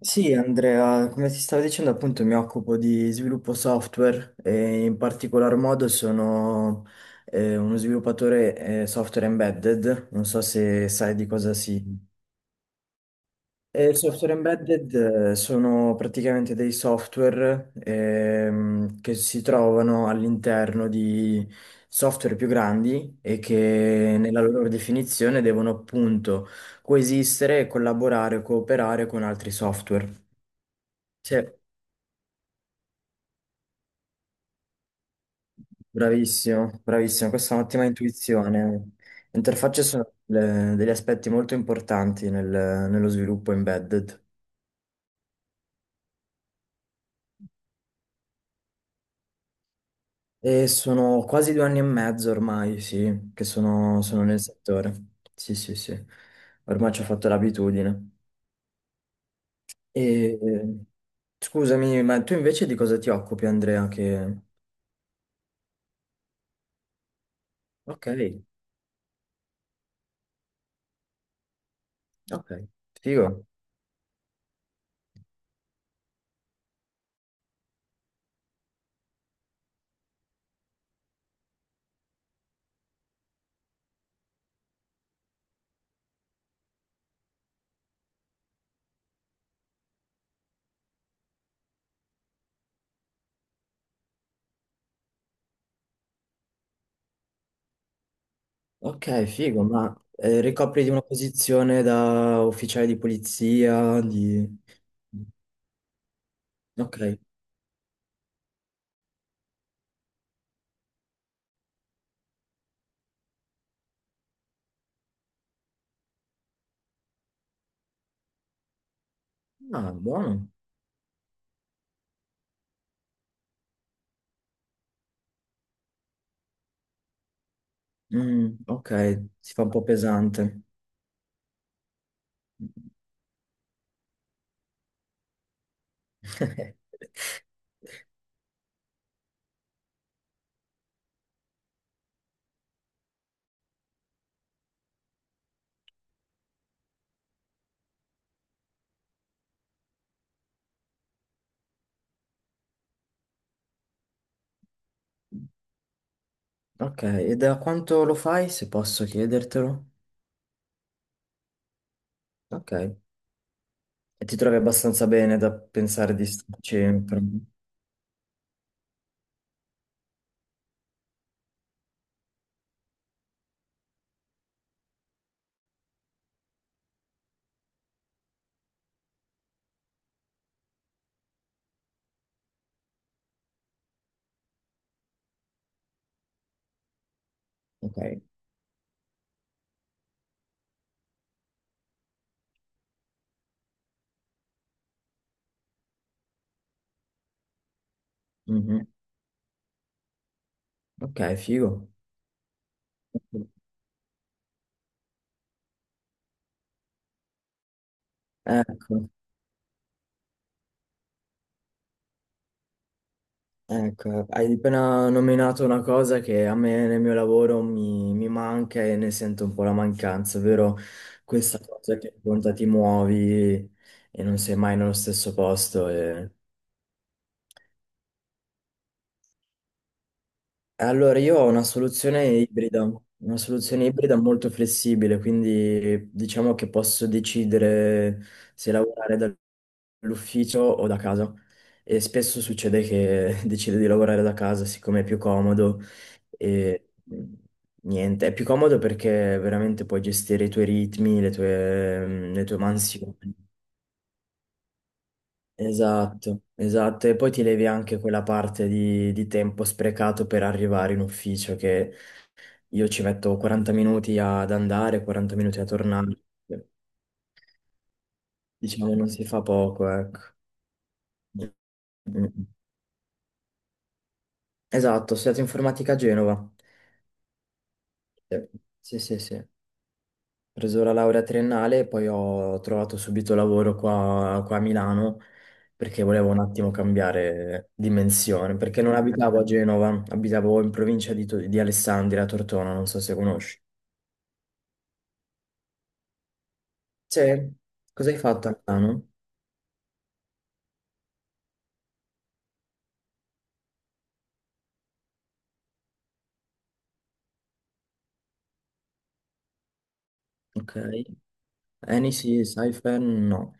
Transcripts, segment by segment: Sì, Andrea, come ti stavo dicendo, appunto mi occupo di sviluppo software e in particolar modo sono uno sviluppatore software embedded, non so se sai di cosa si... Il software embedded sono praticamente dei software che si trovano all'interno di software più grandi e che nella loro definizione devono appunto coesistere, collaborare, cooperare con altri software. Sì. Bravissimo, bravissimo, questa è un'ottima intuizione. Le interfacce sono degli aspetti molto importanti nello sviluppo embedded e sono quasi 2 anni e mezzo ormai, sì, che sono, sono nel settore. Sì, sì, sì, ormai ci ho fatto l'abitudine. E scusami, ma tu invece di cosa ti occupi, Andrea? Che... Ok, ok, figo. Ok, figo, ma ricopri di una posizione da ufficiale di polizia, di... Ok, ah, buono. Mm, ok, si fa un po' pesante. Ok, e da quanto lo fai, se posso chiedertelo? Ok, e ti trovi abbastanza bene da pensare di starci per... Ok, mhm. Ok, figo. Ecco. Ecco, hai appena nominato una cosa che a me nel mio lavoro mi manca e ne sento un po' la mancanza, ovvero questa cosa che conta ti muovi e non sei mai nello stesso posto. E... Allora, io ho una soluzione ibrida molto flessibile, quindi diciamo che posso decidere se lavorare dall'ufficio o da casa. E spesso succede che decido di lavorare da casa siccome è più comodo e niente, è più comodo perché veramente puoi gestire i tuoi ritmi, le tue mansioni. Esatto, esatto, e poi ti levi anche quella parte di tempo sprecato per arrivare in ufficio che io ci metto 40 minuti ad andare, 40 minuti a tornare. Diciamo non si fa poco, ecco. Mm. Esatto, ho studiato informatica a Genova. Eh, Sì, sì, sì. Ho preso la laurea triennale e poi ho trovato subito lavoro qua, qua a Milano perché volevo un attimo cambiare dimensione, perché non abitavo a Genova, abitavo in provincia di Alessandria, a Tortona, non so se conosci. Sì, cosa hai fatto a Milano? Ok. Eni sì, Saifen no.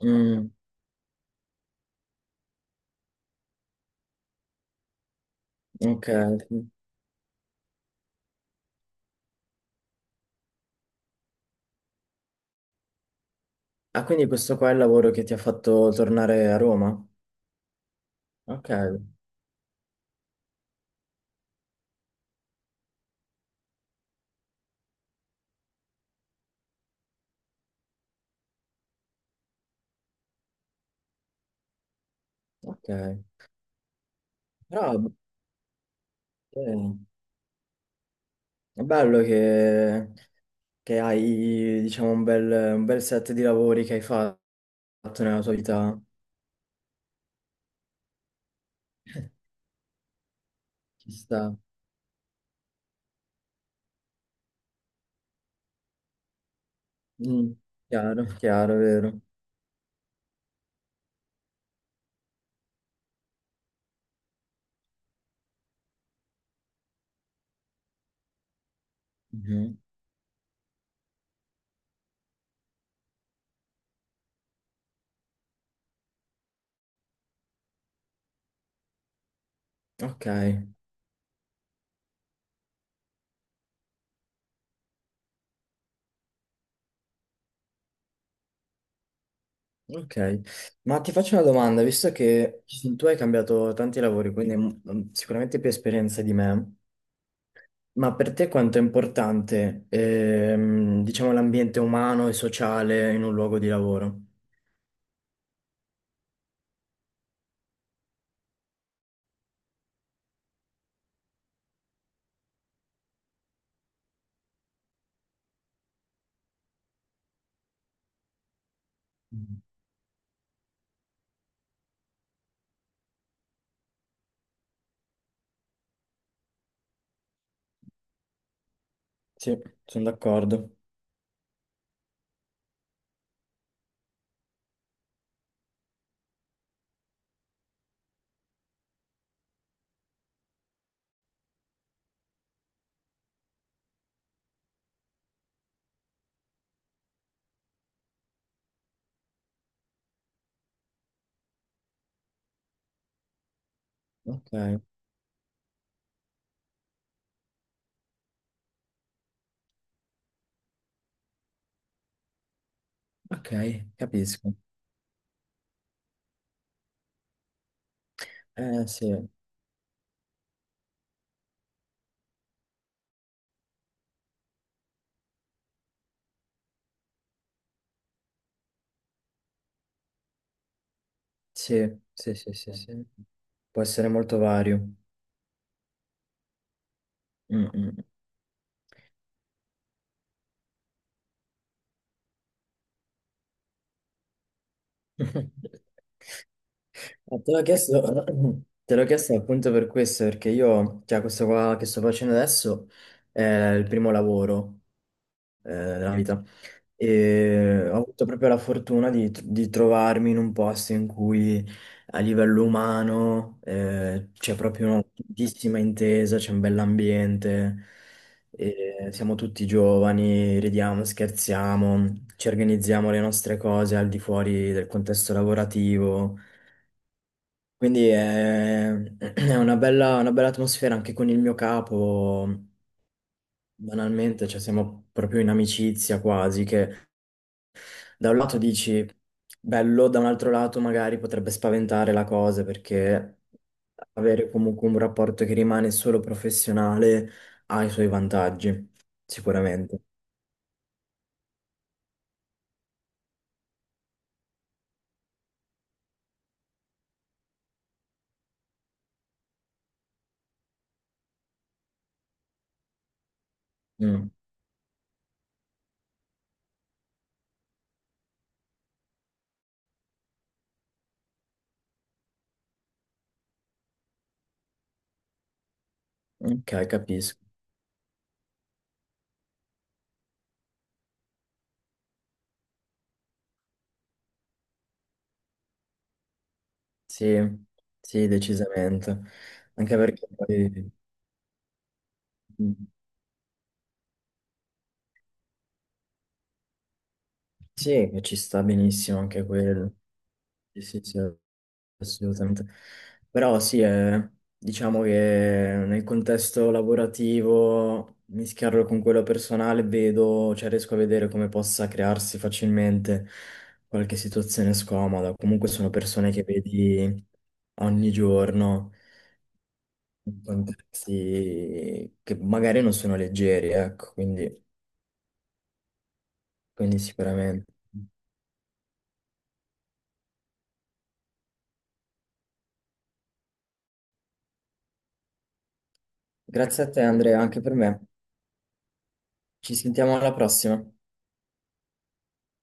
Mm, ok. Ah, quindi questo qua è il lavoro che ti ha fatto tornare a Roma? Ok, ok. Però eh, è bello che hai, diciamo, un bel set di lavori che hai fatto nella tua vita. Ci sta. Mm, chiaro, chiaro, vero. Mhm. Ok, ok. Ma ti faccio una domanda, visto che tu hai cambiato tanti lavori, quindi sicuramente più esperienza di me. Ma per te quanto è importante, diciamo, l'ambiente umano e sociale in un luogo di lavoro? Mm. Sì, sono d'accordo. Ok, ok, capisco. Eh sì, sì, sì, sì, sì, sì. Può essere molto vario. Mm, mm. Te l'ho chiesto, te l'ho chiesto appunto per questo, perché io, cioè, questo qua che sto facendo adesso è il primo lavoro nella vita. E ho avuto proprio la fortuna di trovarmi in un posto in cui a livello umano c'è proprio una tantissima intesa, c'è un bell'ambiente, e siamo tutti giovani, ridiamo, scherziamo, ci organizziamo le nostre cose al di fuori del contesto lavorativo. Quindi è, è una bella atmosfera anche con il mio capo, banalmente, cioè siamo proprio in amicizia quasi, che da un lato dici bello, da un altro lato magari potrebbe spaventare la cosa perché avere comunque un rapporto che rimane solo professionale ha i suoi vantaggi, sicuramente. Mm, ok, capisco. Sì, sì, decisamente. Anche perché poi mm, sì, che ci sta benissimo anche quello. Sì, sì, sì, assolutamente. Però sì, diciamo che nel contesto lavorativo, mischiarlo con quello personale, vedo, cioè riesco a vedere come possa crearsi facilmente qualche situazione scomoda. Comunque sono persone che vedi ogni giorno, in contesti che magari non sono leggeri, ecco, quindi quindi sicuramente. Grazie a te, Andrea, anche per me. Ci sentiamo alla prossima.